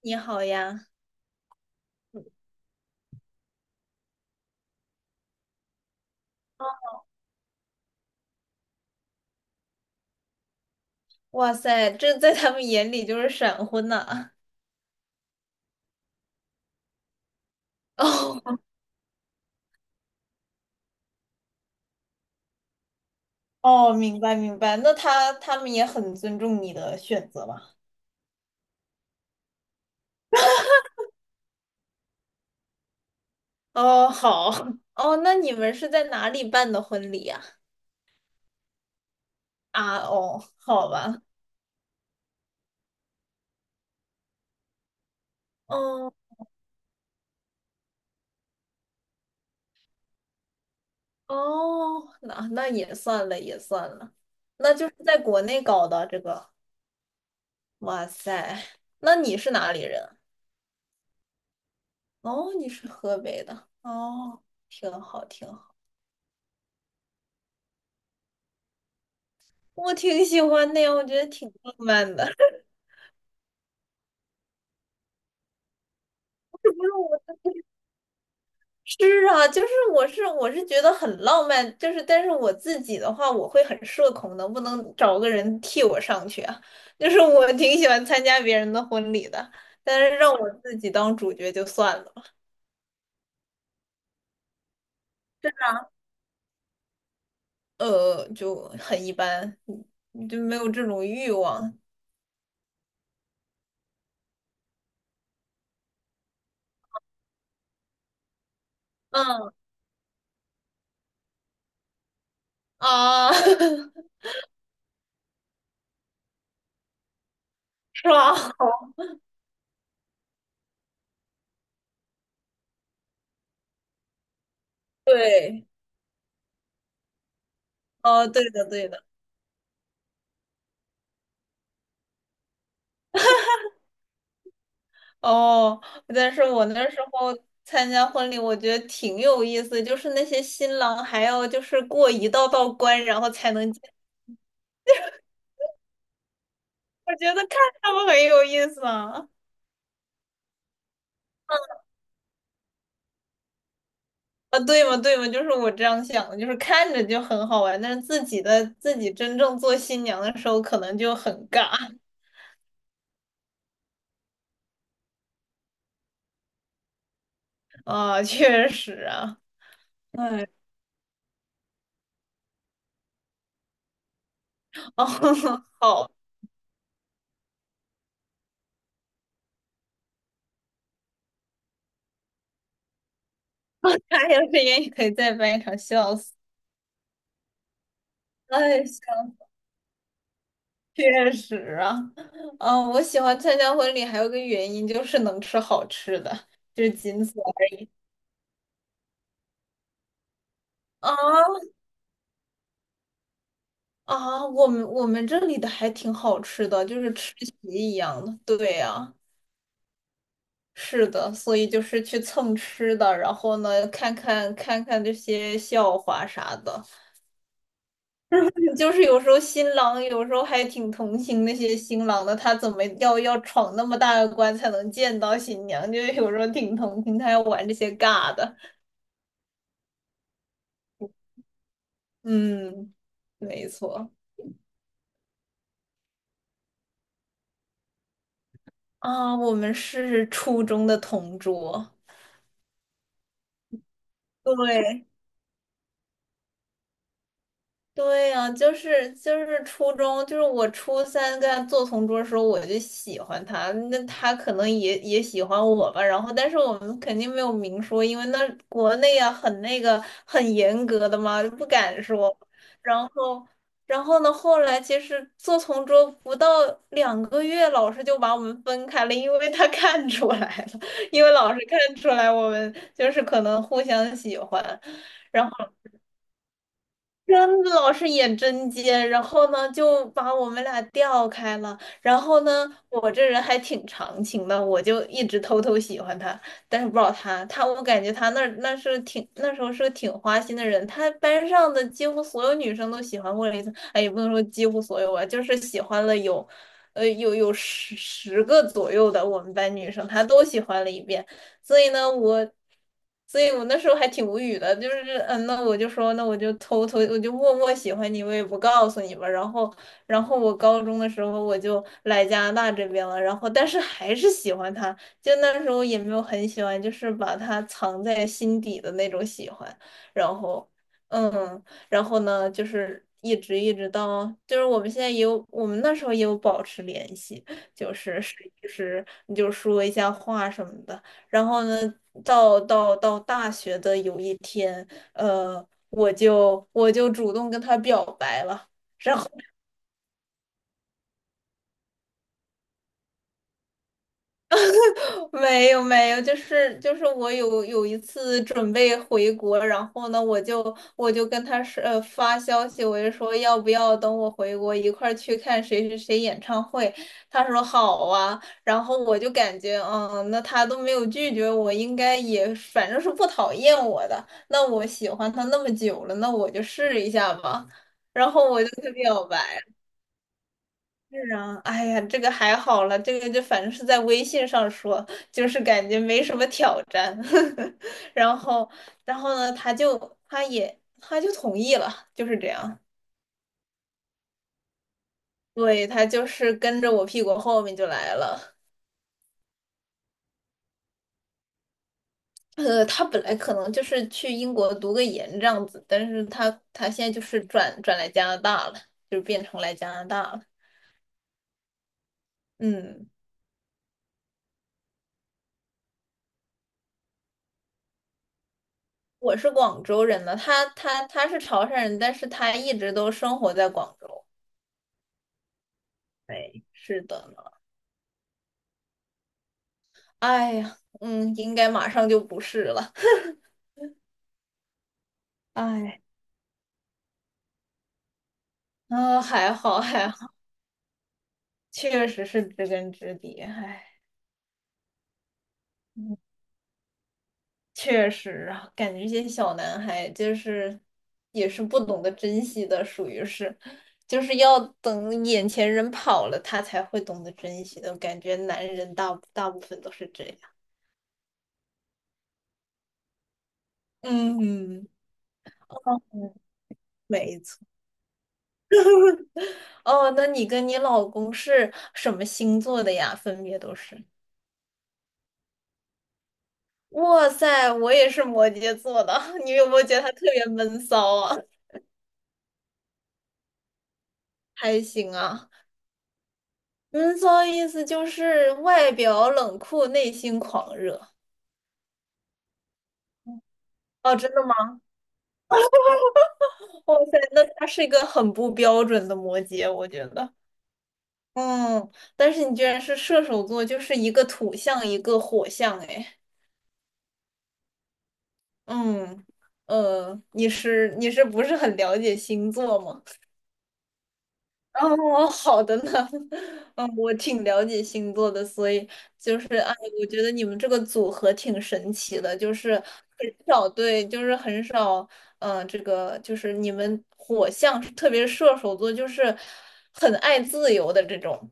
你好呀。哇塞，这在他们眼里就是闪婚呐。哦哦。明白明白。那他们也很尊重你的选择吧？哦，好。哦，那你们是在哪里办的婚礼呀？啊？哦，好吧。哦哦。那那也算了也算了。那就是在国内搞的这个。哇塞。那你是哪里人？哦，你是河北的，哦。挺好挺好。我挺喜欢的呀，我觉得挺浪漫的。是不是我是啊，就是我是觉得很浪漫，就是但是我自己的话，我会很社恐能不能找个人替我上去啊。就是我挺喜欢参加别人的婚礼的，但是让我自己当主角就算了。就很一般。就没有这种欲望。嗯。啊。是吧？对。哦，对的，对的。哦，但是我那时候参加婚礼，我觉得挺有意思，就是那些新郎还要就是过一道道关，然后才能进。我觉得看他们很有意思啊。啊，对嘛对嘛，就是我这样想的，就是看着就很好玩，但是自己的自己真正做新娘的时候，可能就很尬啊。确实啊。哎。哦。好。他要是也可以再办一场，笑死。哎。确实啊。嗯，我喜欢参加婚礼还有个原因就是能吃好吃的，就是仅此。啊。啊，我们这里的还挺好吃的，就是吃席一样的。对呀。是的，所以就是去蹭吃的，然后呢，看看这些笑话啥的，就是有时候新郎有时候还挺同情那些新郎的，他怎么要闯那么大个关才能见到新娘，就是有时候挺同情他要玩这些尬的。嗯，没错。啊，我们是初中的同桌。对。对呀，就是初中，就是我初三跟他做同桌的时候，我就喜欢他，那他可能也喜欢我吧。然后，但是我们肯定没有明说，因为那国内啊很那个很严格的嘛，就不敢说。然后。然后呢，后来其实做同桌不到两个月，老师就把我们分开了，因为他看出来了，因为老师看出来我们就是可能互相喜欢。然后。真的老是演针尖，然后呢就把我们俩调开了。然后呢，我这人还挺长情的，我就一直偷偷喜欢他，但是不知道他，他我感觉他那儿那是挺那时候是个挺花心的人，他班上的几乎所有女生都喜欢过了一次。哎，也不能说几乎所有吧，就是喜欢了有，有十个左右的我们班女生，他都喜欢了一遍。所以呢，所以我那时候还挺无语的，就是，嗯，那我就说，那我就偷偷，我就默默喜欢你，我也不告诉你吧。然后。然后我高中的时候我就来加拿大这边了，然后但是还是喜欢他，就那时候也没有很喜欢，就是把他藏在心底的那种喜欢。然后。嗯。然后呢，就是一直一直到，就是我们现在也有，我们那时候也有保持联系。就是就是你就说一下话什么的。然后呢，到大学的有一天。我就主动跟他表白了。然后。没有没有，就是我有一次准备回国，然后呢，我就跟他说发消息，我就说要不要等我回国一块儿去看谁谁谁演唱会。他说好啊，然后我就感觉嗯，那他都没有拒绝我，应该也反正是不讨厌我的，那我喜欢他那么久了，那我就试一下吧。然后我就跟他表白是啊。哎呀，这个还好了，这个就反正是在微信上说，就是感觉没什么挑战。然后。然后呢，他就同意了，就是这样。对，他就是跟着我屁股后面就来了。他本来可能就是去英国读个研这样子，但是他现在就是转来加拿大了，就变成来加拿大了。嗯。我是广州人呢，他是潮汕人，但是他一直都生活在广州。哎，是的呢。哎呀，嗯，应该马上就不是了。哎。啊，还好还好。确实是知根知底。哎。嗯确实啊，感觉这些小男孩就是也是不懂得珍惜的，属于是，就是要等眼前人跑了，他才会懂得珍惜的。我感觉男人大部分都是这样。嗯嗯嗯，没错。哦，那你跟你老公是什么星座的呀？分别都是。哇塞，我也是摩羯座的，你有没有觉得他特别闷骚啊？还行啊。闷骚意思就是外表冷酷，内心狂热。哦，真的吗？哇塞，那他是一个很不标准的摩羯，我觉得。嗯，但是你居然是射手座，就是一个土象，一个火象，哎。嗯。你是不是很了解星座吗？哦，哦好的呢。嗯，我挺了解星座的，所以就是。哎，我觉得你们这个组合挺神奇的，就是很少对，就是很少。嗯、这个就是你们火象，特别是射手座，就是很爱自由的这种。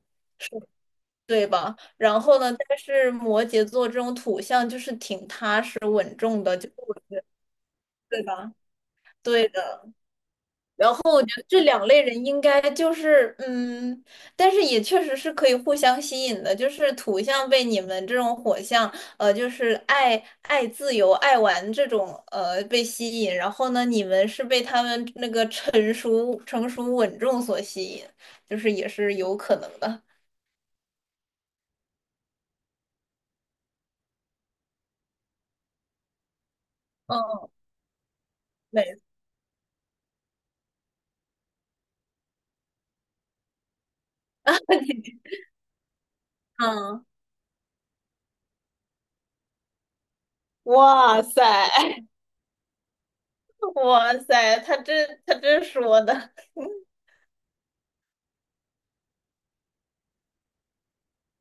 对吧？然后呢，但是摩羯座这种土象就是挺踏实稳重的，就是我对吧？对的。这两类人应该就是，嗯，但是也确实是可以互相吸引的，就是土象被你们这种火象，就是爱自由、爱玩这种。被吸引，然后呢，你们是被他们那个成熟、成熟稳重所吸引，就是也是有可能的。嗯，没。嗯。哇塞。哇塞，他这说的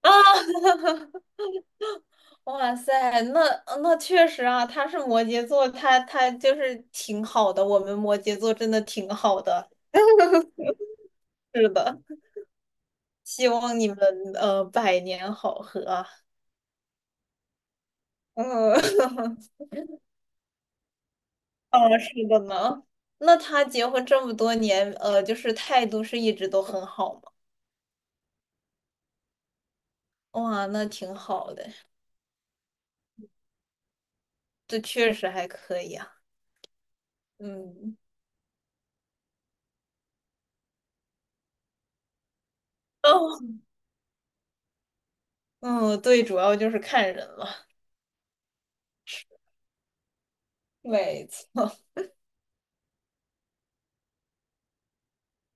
啊。哇塞，那那确实啊，他是摩羯座，他就是挺好的，我们摩羯座真的挺好的。是的，希望你们百年好合啊。嗯。哦，是的呢。那他结婚这么多年，就是态度是一直都很好吗？哇，那挺好的。这确实还可以啊。嗯。哦。嗯，对，主要就是看人了。没错。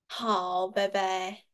好，拜拜。